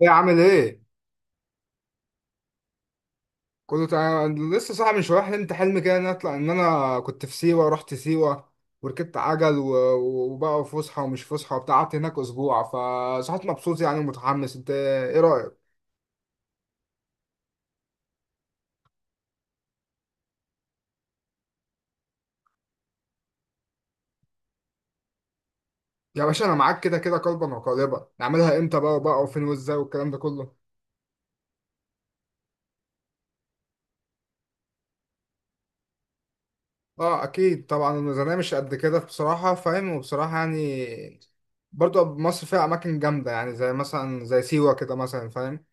ايه عامل ايه؟ كنت لسه صاحي من شويه، حلمت حلم كده ان أنا اطلع، ان انا كنت في سيوه، رحت سيوه وركبت عجل و... و- وبقى فسحه ومش فسحه وبتاع، قعدت هناك اسبوع فصحيت مبسوط يعني ومتحمس. انت ايه رايك؟ يا باشا انا معاك كده كده قلبا وقالبا، نعملها امتى بقى وبقى وفين وازاي والكلام ده كله. اه اكيد طبعا، الميزانيه مش قد كده بصراحه فاهم، وبصراحه يعني برضو مصر فيها اماكن جامده يعني، زي مثلا زي سيوه كده مثلا فاهم.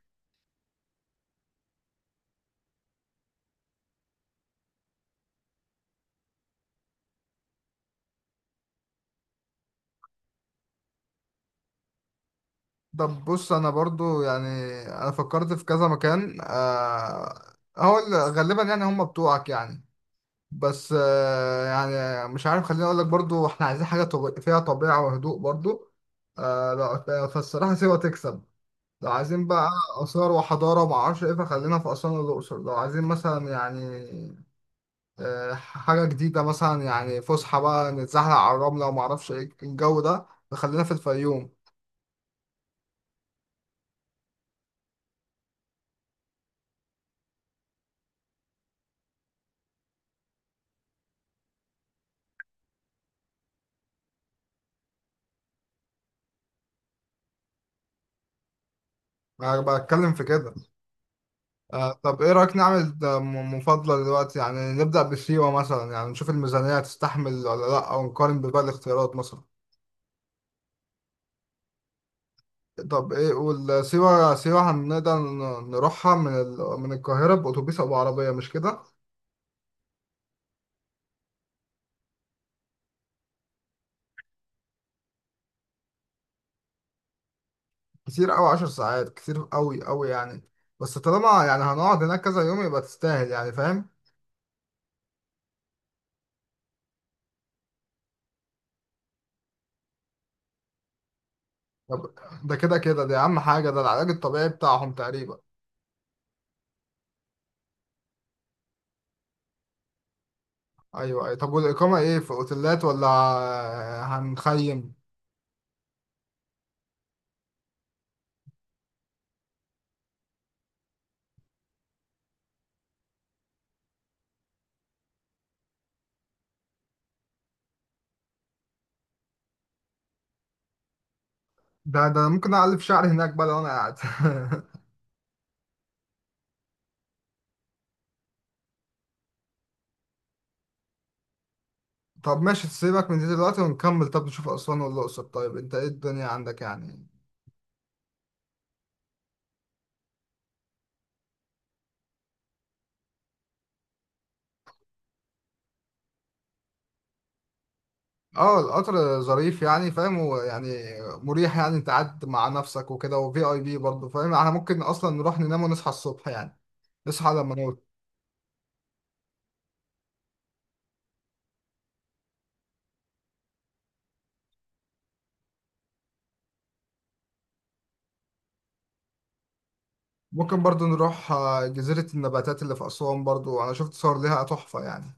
طب بص انا برضو يعني انا فكرت في كذا مكان آه. هو غالبا يعني هم بتوعك يعني، بس آه يعني مش عارف، خليني اقول لك برضو احنا عايزين حاجه فيها طبيعه وهدوء برضو آه. لا فالصراحه سيوه تكسب. لو عايزين بقى اثار وحضاره وما اعرفش ايه فخلينا في اسوان والاقصر، لو عايزين مثلا يعني آه حاجه جديده مثلا يعني فسحه بقى، نتزحلق على الرمله وما اعرفش ايه الجو ده فخلينا في الفيوم. انا بتكلم في كده آه. طب ايه رأيك نعمل ده مفاضلة دلوقتي؟ يعني نبدأ بالسيوة مثلا، يعني نشوف الميزانية تستحمل ولا لا، او نقارن بباقي الاختيارات مثلا. طب ايه والسيوة؟ سيوة هنقدر نروحها من من القاهرة بأتوبيس او بعربية مش كده؟ كتير قوي، 10 ساعات كتير قوي قوي يعني، بس طالما يعني هنقعد هناك كذا يوم يبقى تستاهل يعني فاهم. طب ده كده كده، دي اهم حاجة، ده العلاج الطبيعي بتاعهم تقريبا. ايوه أيوة. طب والإقامة ايه، في اوتيلات ولا هنخيم؟ ده أنا ممكن أعلف شعري هناك بقى لو أنا قاعد. طب ماشي، سيبك من دي دلوقتي ونكمل، طب نشوف أسوان والأقصر، طيب أنت إيه الدنيا عندك يعني؟ اه القطر ظريف يعني فاهم، ويعني مريح يعني، انت قاعد مع نفسك وكده وفي اي بي برضه فاهم، احنا ممكن اصلا نروح ننام ونصحى الصبح يعني، نصحى لما نموت. ممكن برضه نروح جزيرة النباتات اللي في أسوان، برضه أنا شفت صور ليها تحفة يعني.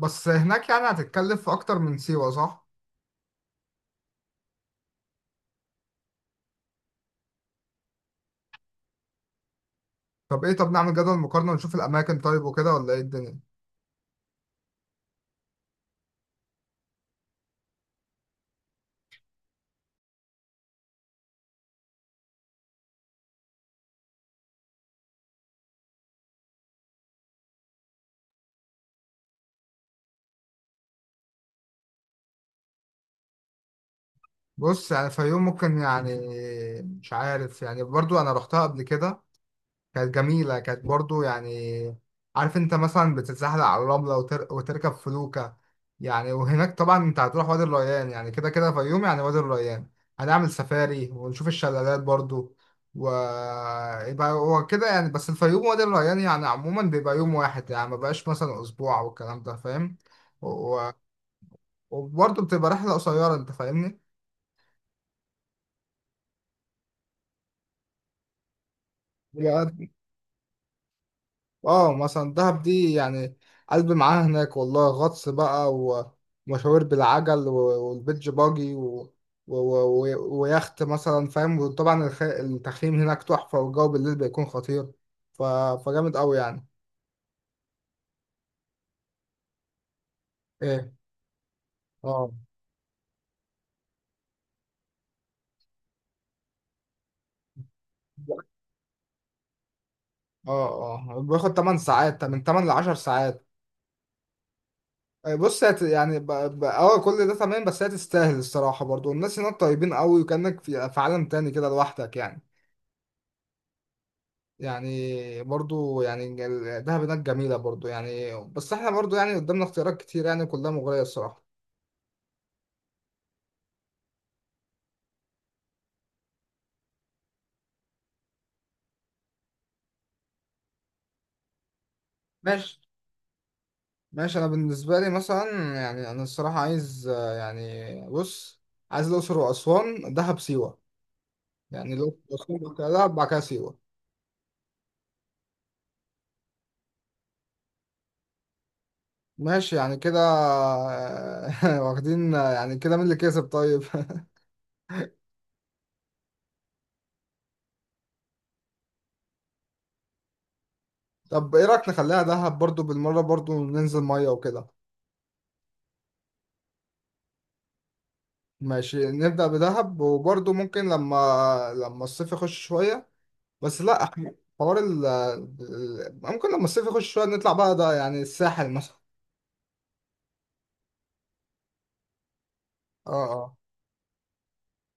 بس هناك يعني هتتكلف أكتر من سيوة صح؟ طب إيه، طب نعمل جدول مقارنة ونشوف الأماكن طيب وكده، ولا إيه الدنيا؟ بص يعني الفيوم ممكن يعني مش عارف يعني، برضو انا رحتها قبل كده، كانت جميلة، كانت برضو يعني عارف انت مثلا بتتزحلق على الرملة وتركب فلوكة يعني. وهناك طبعا انت هتروح وادي الريان، يعني كده كده فيوم يعني وادي الريان، هنعمل سفاري ونشوف الشلالات برضو. و يبقى هو كده يعني، بس الفيوم وادي الريان يعني عموما بيبقى يوم واحد يعني، ما بقاش مثلا اسبوع والكلام ده فاهم. و... وبرضه بتبقى رحلة قصيرة، انت فاهمني؟ اه مثلا دهب دي يعني قلبي معاها هناك والله، غطس بقى ومشاوير بالعجل والبيتش باجي و ويخت مثلا فاهم، وطبعا التخييم هناك تحفة والجو بالليل بيكون خطير، ف... فجامد قوي يعني. ايه؟ اه اه اه بياخد 8 ساعات، من 8 ل 10 ساعات. بص يعني اه كل ده تمام، بس هي تستاهل الصراحة، برضو الناس هناك طيبين قوي وكأنك في عالم تاني كده لوحدك يعني. يعني برضو يعني دهب هناك جميلة برضو يعني، بس احنا برضو يعني قدامنا اختيارات كتير يعني كلها مغرية الصراحة. ماشي ماشي، انا بالنسبة لي مثلا يعني انا الصراحة عايز يعني بص، عايز الأقصر وأسوان، دهب، سيوة، يعني الأقصر وأسوان، بعد كده دهب، بعد كده سيوة. ماشي يعني كده آه، واخدين يعني كده مين اللي كسب طيب؟ طب ايه رأيك نخليها دهب، برضو بالمرة برضو ننزل مية وكده. ماشي، نبدأ بدهب، وبرضو ممكن لما الصيف يخش شوية، بس لا إحنا حوار ممكن لما الصيف يخش شوية نطلع بقى ده يعني الساحل مثلا. اه اه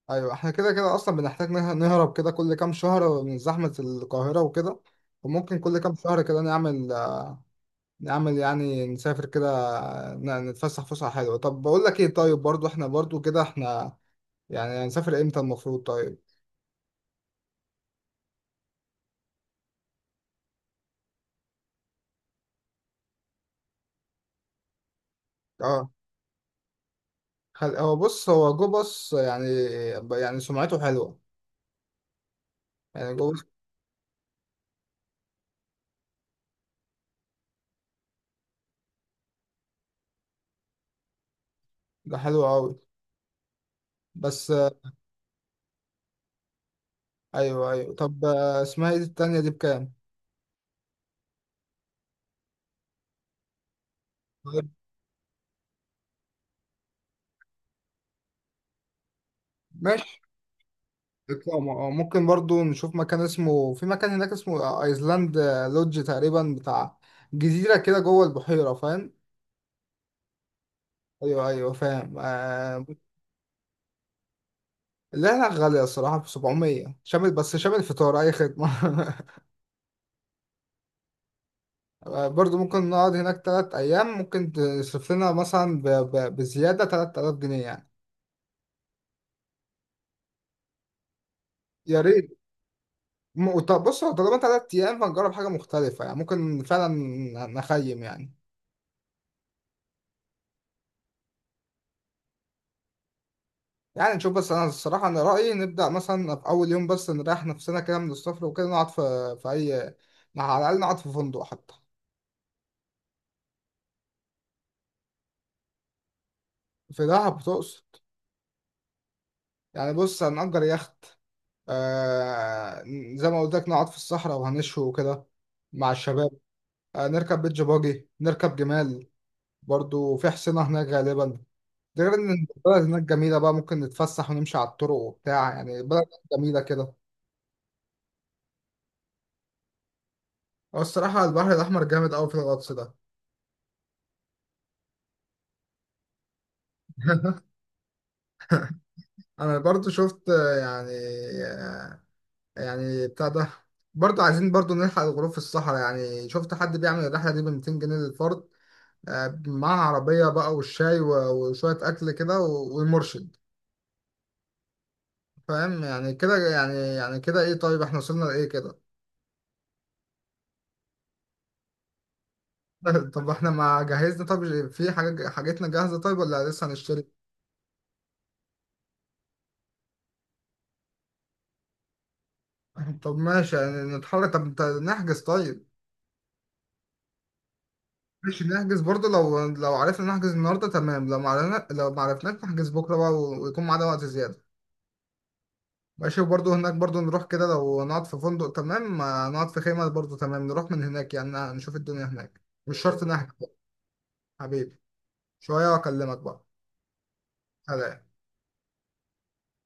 ايوه، احنا كده كده اصلا بنحتاج نهرب كده كل كام شهر من زحمة القاهرة وكده، وممكن كل كام شهر كده نعمل، يعني نسافر كده، نتفسح فسحة حلوة. طب بقول لك ايه، طيب برضو احنا برضو كده احنا يعني هنسافر امتى المفروض طيب؟ اه هو بص هو جو باص يعني، يعني سمعته حلوة يعني جو باص. ده حلو قوي بس. ايوه ايوه، طب آه، اسمها ايه دي التانية دي، بكام؟ طيب ماشي. اقامة اه ممكن برضو نشوف مكان اسمه، في مكان هناك اسمه ايسلاند لودج تقريبا بتاع جزيرة كده جوه البحيرة فاهم. ايوه ايوه فاهم آه. اللي هناك غالية الصراحة، في 700 شامل، بس شامل فطار اي خدمة. آه، برضو ممكن نقعد هناك 3 ايام، ممكن تصرف لنا مثلا بزيادة 3000 جنيه يعني. يا ريت. بص هو طالما 3 ايام فنجرب حاجة مختلفة يعني، ممكن فعلا نخيم يعني، يعني نشوف. بس انا الصراحه انا رايي نبدا مثلا في اول يوم بس نريح نفسنا كده من السفر وكده، نقعد في اي، على الاقل نقعد في فندق حتى. في دهب تقصد؟ يعني بص هنأجر يخت آه، زي ما قلت لك نقعد في الصحراء وهنشوي وكده مع الشباب، آه نركب بيتش باجي نركب جمال، برضو في حصينة هناك غالبا، ده غير ان البلد هناك جميلة بقى ممكن نتفسح ونمشي على الطرق وبتاع، يعني بلد جميلة كده. هو الصراحة البحر الأحمر جامد أوي في الغطس ده. انا برضو شفت آه، يعني بتاع ده، برضو عايزين برضو نلحق الغروب في الصحراء، يعني شفت حد بيعمل الرحلة دي ب 200 جنيه للفرد، آه، معاه عربية بقى والشاي وشوية أكل كده والمرشد. فاهم يعني كده يعني، يعني كده إيه طيب، إحنا وصلنا لإيه كده؟ طب إحنا ما جهزنا؟ طب في حاجة، حاجتنا جاهزة طيب ولا لسه هنشتري؟ طب ماشي يعني نتحرك، طب نحجز طيب. ماشي نحجز، برضه لو عرفنا نحجز النهارده تمام، لو ما عرفناش نحجز بكره بقى ويكون معانا وقت زياده. ماشي، وبرضه هناك برضه نروح كده، لو نقعد في فندق تمام، ما نقعد في خيمه برضه تمام، نروح من هناك يعني نشوف الدنيا هناك، مش شرط نحجز. حبيبي، شويه واكلمك بقى. سلام.